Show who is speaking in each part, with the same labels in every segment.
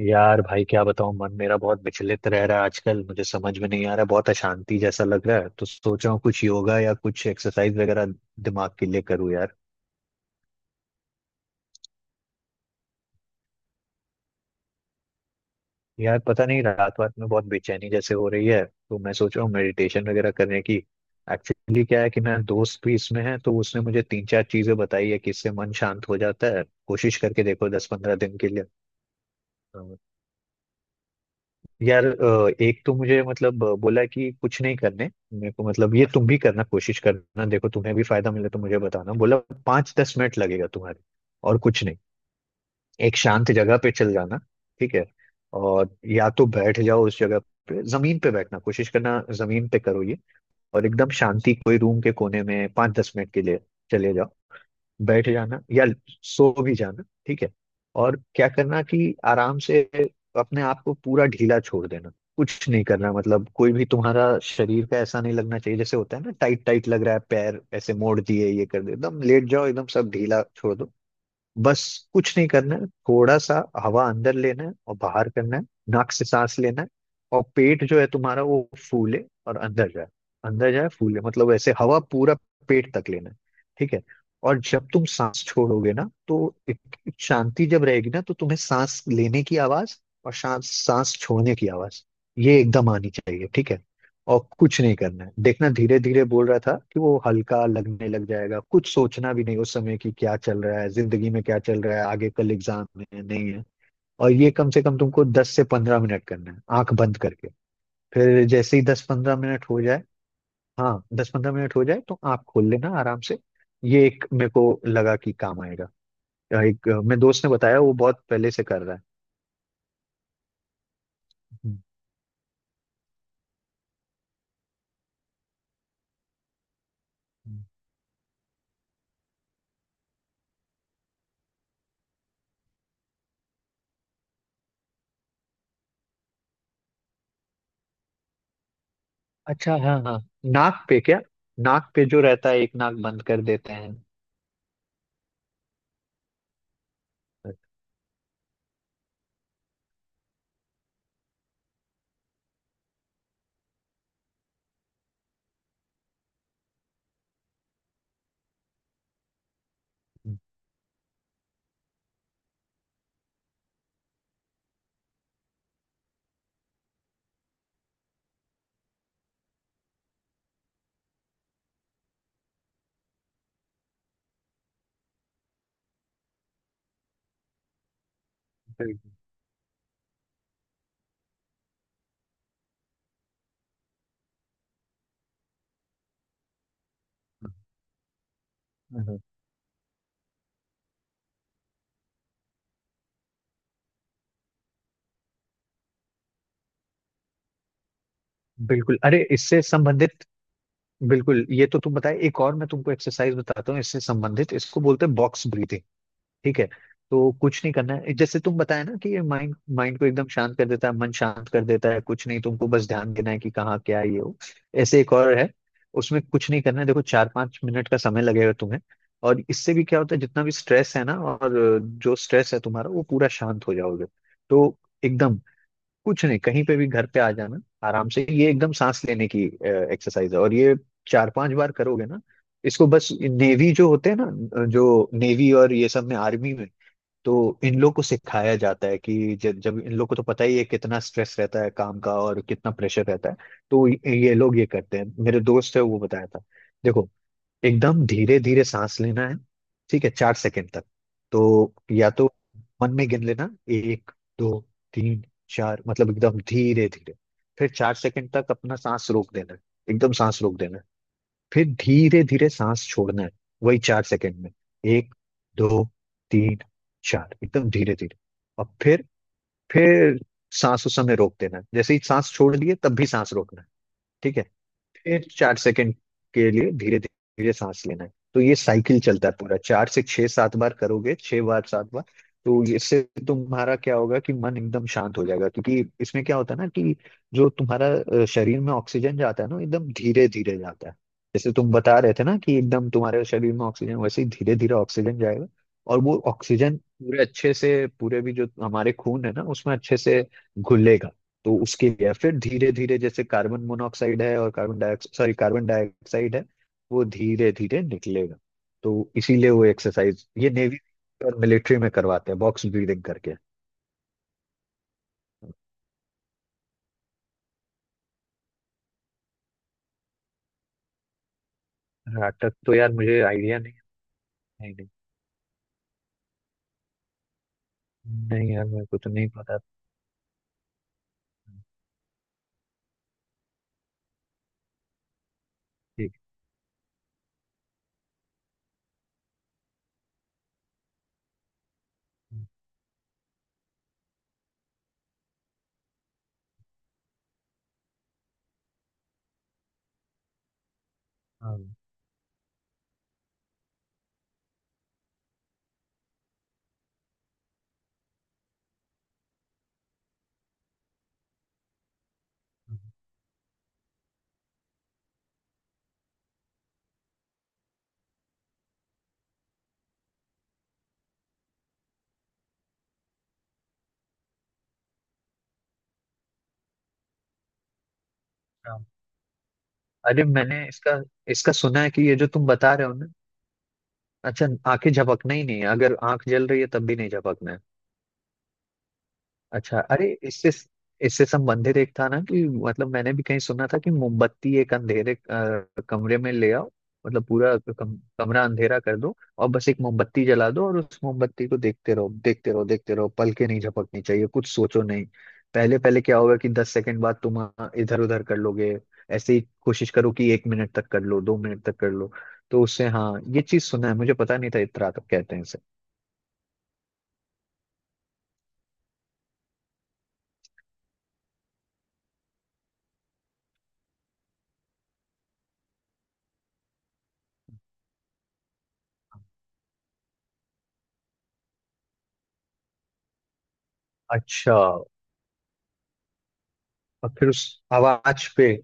Speaker 1: यार भाई क्या बताऊं, मन मेरा बहुत विचलित रह रहा है आजकल। मुझे समझ में नहीं आ रहा है, बहुत अशांति जैसा लग रहा है। तो सोच रहा हूँ कुछ योगा या कुछ एक्सरसाइज वगैरह दिमाग के लिए करूँ यार। यार पता नहीं, रात रात में बहुत बेचैनी जैसे हो रही है, तो मैं सोच रहा हूँ मेडिटेशन वगैरह करने की। एक्चुअली क्या है कि मेरा दोस्त भी इसमें है, तो उसने मुझे तीन चार चीजें बताई है कि इससे मन शांत हो जाता है। कोशिश करके देखो 10-15 दिन के लिए। यार एक तो मुझे, मतलब बोला कि कुछ नहीं करने मेरे को। मतलब ये तुम भी करना, कोशिश करना, देखो तुम्हें भी फायदा मिले तो मुझे बताना बोला। 5-10 मिनट लगेगा तुम्हारे, और कुछ नहीं। एक शांत जगह पे चल जाना, ठीक है। और या तो बैठ जाओ उस जगह पे, जमीन पे बैठना कोशिश करना, जमीन पे करो ये। और एकदम शांति, कोई रूम के कोने में 5-10 मिनट के लिए चले जाओ। बैठ जाना या सो भी जाना, ठीक है। और क्या करना कि आराम से अपने आप को पूरा ढीला छोड़ देना। कुछ नहीं करना, मतलब कोई भी तुम्हारा शरीर का ऐसा नहीं लगना चाहिए जैसे होता है ना टाइट टाइट लग रहा है, पैर ऐसे मोड़ दिए ये कर दिए। एकदम लेट जाओ, एकदम सब ढीला छोड़ दो। बस कुछ नहीं करना है, थोड़ा सा हवा अंदर लेना है और बाहर करना है। नाक से सांस लेना है, और पेट जो है तुम्हारा वो फूले और अंदर जाए। अंदर जाए फूले, मतलब ऐसे हवा पूरा पेट तक लेना है, ठीक है। और जब तुम सांस छोड़ोगे ना, तो एक एक शांति जब रहेगी ना, तो तुम्हें सांस लेने की आवाज और सांस सांस छोड़ने की आवाज ये एकदम आनी चाहिए, ठीक है। और कुछ नहीं करना है, देखना, धीरे धीरे बोल रहा था कि वो हल्का लगने लग जाएगा। कुछ सोचना भी नहीं उस समय कि क्या चल रहा है जिंदगी में, क्या चल रहा है आगे, कल एग्जाम है नहीं है। और ये कम से कम तुमको 10 से 15 मिनट करना है आंख बंद करके। फिर जैसे ही 10-15 मिनट हो जाए, हाँ 10-15 मिनट हो जाए तो आंख खोल लेना आराम से। ये एक मेरे को लगा कि काम आएगा। एक मेरे दोस्त ने बताया, वो बहुत पहले से कर रहा है। हम्म, हम्म। अच्छा हाँ हाँ। नाक पे क्या, नाक पे जो रहता है एक नाक बंद कर देते हैं। बिल्कुल। हम्म, बिल्कुल। अरे इससे संबंधित, बिल्कुल ये तो तुम बताए। एक और मैं तुमको एक्सरसाइज बताता हूँ इससे संबंधित, इसको बोलते हैं बॉक्स ब्रीथिंग, ठीक है। तो कुछ नहीं करना है, जैसे तुम बताया ना कि ये माइंड माइंड को एकदम शांत कर देता है, मन शांत कर देता है। कुछ नहीं, तुमको बस ध्यान देना है कि कहाँ क्या है ये हो। ऐसे एक और है, उसमें कुछ नहीं करना है। देखो 4-5 मिनट का समय लगेगा तुम्हें। और इससे भी क्या होता है, जितना भी स्ट्रेस है ना, और जो स्ट्रेस है तुम्हारा वो पूरा शांत हो जाओगे। तो एकदम, कुछ नहीं, कहीं पे भी घर पे आ जाना आराम से। ये एकदम सांस लेने की एक्सरसाइज है, और ये 4-5 बार करोगे ना। इसको बस नेवी जो होते हैं ना, जो नेवी और ये सब में, आर्मी में, तो इन लोग को सिखाया जाता है। कि जब जब इन लोग को, तो पता ही है कितना स्ट्रेस रहता है काम का और कितना प्रेशर रहता है। तो ये लोग ये करते हैं, मेरे दोस्त है वो बताया था। देखो, एकदम धीरे धीरे सांस लेना है, ठीक है। 4 सेकंड तक, तो या तो मन में गिन लेना, एक, दो, तीन, चार, मतलब एकदम धीरे धीरे। फिर 4 सेकंड तक अपना सांस रोक देना है, एकदम सांस रोक देना है। फिर धीरे धीरे सांस छोड़ना है, वही 4 सेकंड में, एक, दो, तीन, चार, एकदम धीरे धीरे। और फिर सांस उस समय रोक देना है, जैसे ही सांस छोड़ लिए तब भी सांस रोकना है, ठीक है। फिर चार सेकंड के लिए धीरे धीरे सांस लेना है। तो ये साइकिल चलता है पूरा, चार से 6-7 बार करोगे, 6 बार 7 बार। तो इससे तुम्हारा क्या होगा कि मन एकदम शांत हो जाएगा। क्योंकि इसमें क्या होता है ना कि जो तुम्हारा शरीर में ऑक्सीजन जाता है ना, एकदम धीरे धीरे जाता है। जैसे तुम बता रहे थे ना कि एकदम तुम्हारे शरीर में ऑक्सीजन, वैसे ही धीरे धीरे ऑक्सीजन जाएगा। और वो ऑक्सीजन पूरे अच्छे से, पूरे भी जो हमारे खून है ना उसमें अच्छे से घुलेगा। तो उसके लिए फिर धीरे धीरे, जैसे कार्बन मोनोऑक्साइड है, और carbon dioxide, sorry carbon dioxide है, वो धीरे धीरे निकलेगा। तो इसीलिए वो एक्सरसाइज ये नेवी और मिलिट्री में करवाते हैं, बॉक्स ब्रीदिंग करके। नाटक तो यार मुझे आइडिया नहीं है। नहीं नहीं। नहीं यार मेरे को तो नहीं पता। ठीक है। हाँ हाँ। अरे मैंने इसका इसका सुना है कि ये जो तुम बता रहे हो ना, अच्छा। आंखें झपकना ही नहीं है, अगर आंख जल रही है तब भी नहीं झपकना है। अच्छा, अरे इससे इससे संबंधित एक था ना कि, मतलब मैंने भी कहीं सुना था कि मोमबत्ती एक अंधेरे कमरे में ले आओ, मतलब पूरा कमरा अंधेरा कर दो और बस एक मोमबत्ती जला दो और उस मोमबत्ती को देखते रहो देखते रहो देखते रहो, पलके नहीं झपकनी चाहिए, कुछ सोचो नहीं। पहले पहले क्या होगा कि 10 सेकंड बाद तुम इधर उधर कर लोगे। ऐसे ही कोशिश करो कि 1 मिनट तक कर लो, 2 मिनट तक कर लो। तो उससे, हाँ ये चीज सुना है, मुझे पता नहीं था इत्रा तक कहते हैं इसे। अच्छा, और फिर उस आवाज पे।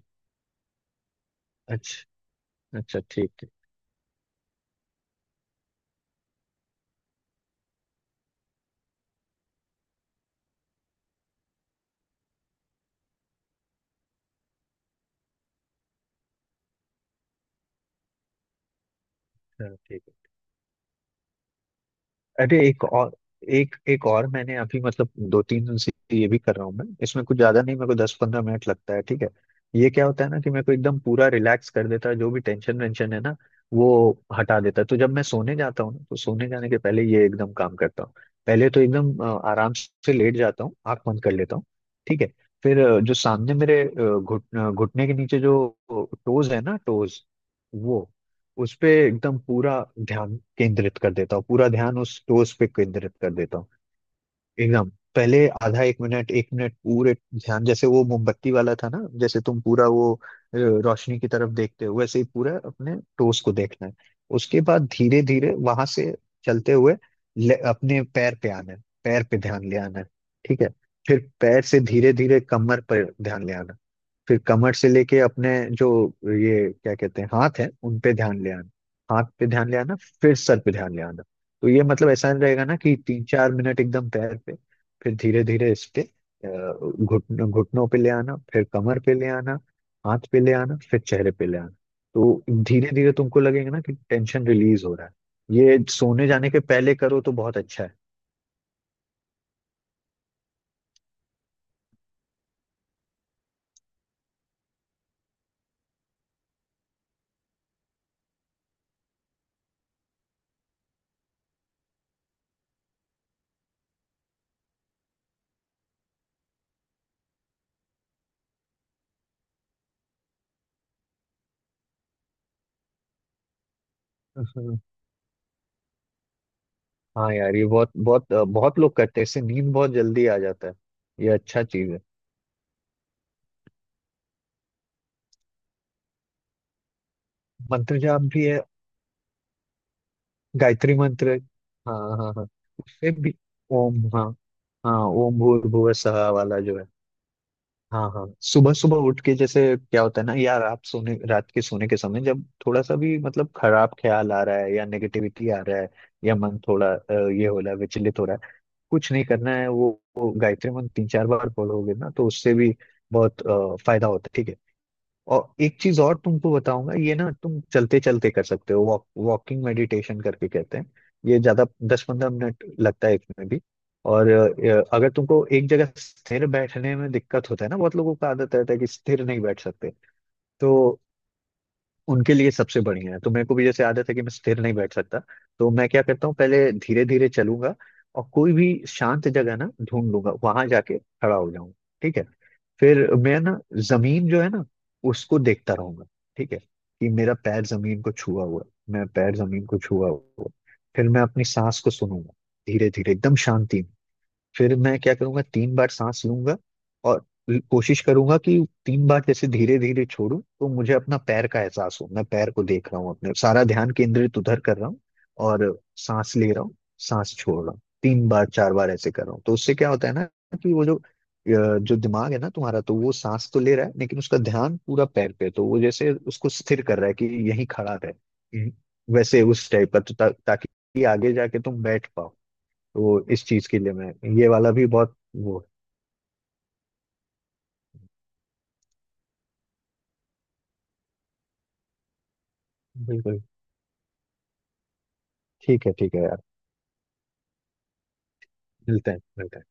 Speaker 1: अच्छा। अच्छा ठीक है। हाँ, ठीक है। अरे एक और, एक एक और मैंने अभी, मतलब 2-3 दिन से ये भी कर रहा हूँ मैं। इसमें कुछ ज्यादा नहीं, मेरे को 10-15 मिनट लगता है, ठीक है। ये क्या होता है ना कि मेरे को एकदम पूरा रिलैक्स कर देता है, जो भी टेंशन वेंशन है ना वो हटा देता है। तो जब मैं सोने जाता हूँ ना, तो सोने जाने के पहले ये एकदम काम करता हूँ। पहले तो एकदम आराम से लेट जाता हूँ, आंख बंद कर लेता हूँ, ठीक है। फिर जो सामने मेरे, घुटने के नीचे जो टोज है ना, टोज, वो उस पे एकदम पूरा ध्यान केंद्रित कर देता हूँ, पूरा ध्यान उस टोस्ट पे केंद्रित कर देता हूँ। एकदम पहले आधा 1 मिनट, 1 मिनट पूरे ध्यान, जैसे वो मोमबत्ती वाला था ना, जैसे तुम पूरा वो रोशनी की तरफ देखते हो वैसे ही पूरा अपने टोस्ट को देखना है। उसके बाद धीरे धीरे वहां से चलते हुए अपने पैर पे आना है, पैर पे ध्यान ले आना है, ठीक है। फिर पैर से धीरे धीरे कमर पर ध्यान ले आना है। फिर कमर से लेके अपने जो ये क्या कहते हैं, हाथ है, उन पे ध्यान ले आना, हाथ पे ध्यान ले आना, फिर सर पे ध्यान ले आना। तो ये मतलब ऐसा नहीं रहेगा ना कि 3-4 मिनट एकदम पैर पे, फिर धीरे धीरे इस पे घुटनों पे ले आना, फिर कमर पे ले आना, हाथ पे ले आना, फिर चेहरे पे ले आना। तो धीरे धीरे तुमको लगेगा ना कि टेंशन रिलीज हो रहा है, ये सोने जाने के पहले करो तो बहुत अच्छा है। हाँ हाँ यार, ये बहुत बहुत बहुत लोग करते हैं, इससे नींद बहुत जल्दी आ जाता है। ये अच्छा चीज है। मंत्र जाप भी है, गायत्री मंत्र है। हाँ हाँ हाँ। उससे भी, ओम, हाँ, हाँ ओम भूर्भुव सहा वाला जो है। हाँ हाँ, सुबह सुबह उठ के, जैसे क्या होता है ना यार, आप सोने, रात के सोने के समय, जब थोड़ा सा भी मतलब खराब ख्याल आ रहा है या नेगेटिविटी आ रहा है, या मन थोड़ा ये हो रहा है, विचलित हो रहा है, कुछ नहीं करना है। वो गायत्री मंत्र 3-4 बार पढ़ोगे ना, तो उससे भी बहुत फायदा होता है, ठीक है। और एक चीज और तुमको बताऊंगा, ये ना तुम चलते चलते कर सकते हो, वॉकिंग मेडिटेशन करके कहते हैं। ये ज्यादा 10-15 मिनट लगता है इसमें भी। और अगर तुमको एक जगह स्थिर बैठने में दिक्कत होता है ना, बहुत लोगों का आदत रहता है कि स्थिर नहीं बैठ सकते। तो उनके लिए सबसे बढ़िया है, तो मेरे को भी जैसे आदत है कि मैं स्थिर नहीं बैठ सकता। तो मैं क्या करता हूँ, पहले धीरे धीरे चलूंगा और कोई भी शांत जगह ना ढूंढ लूंगा, वहां जाके खड़ा हो जाऊंगा, ठीक है। फिर मैं ना, जमीन जो है ना उसको देखता रहूंगा, ठीक है। कि मेरा पैर जमीन को छुआ हुआ है, मैं पैर जमीन को छुआ हुआ है। फिर मैं अपनी सांस को सुनूंगा, धीरे धीरे एकदम शांति। फिर मैं क्या करूंगा, 3 बार सांस लूंगा और कोशिश करूंगा कि तीन बार जैसे धीरे धीरे छोड़ूं तो मुझे अपना पैर का एहसास हो। मैं पैर को देख रहा हूँ, अपने सारा ध्यान केंद्रित उधर कर रहा हूँ। और सांस ले रहा हूँ, सांस छोड़ रहा हूँ, 3-4 बार ऐसे कर रहा हूँ। तो उससे क्या होता है ना कि वो, जो जो दिमाग है ना तुम्हारा, तो वो सांस तो ले रहा है लेकिन उसका ध्यान पूरा पैर पे है। तो वो जैसे उसको स्थिर कर रहा है कि यहीं खड़ा रहे। हम्म, वैसे उस टाइप का तो, ताकि आगे जाके तुम बैठ पाओ। तो इस चीज के लिए मैं ये वाला भी बहुत वो है। बिल्कुल, ठीक है यार, मिलते हैं मिलते हैं।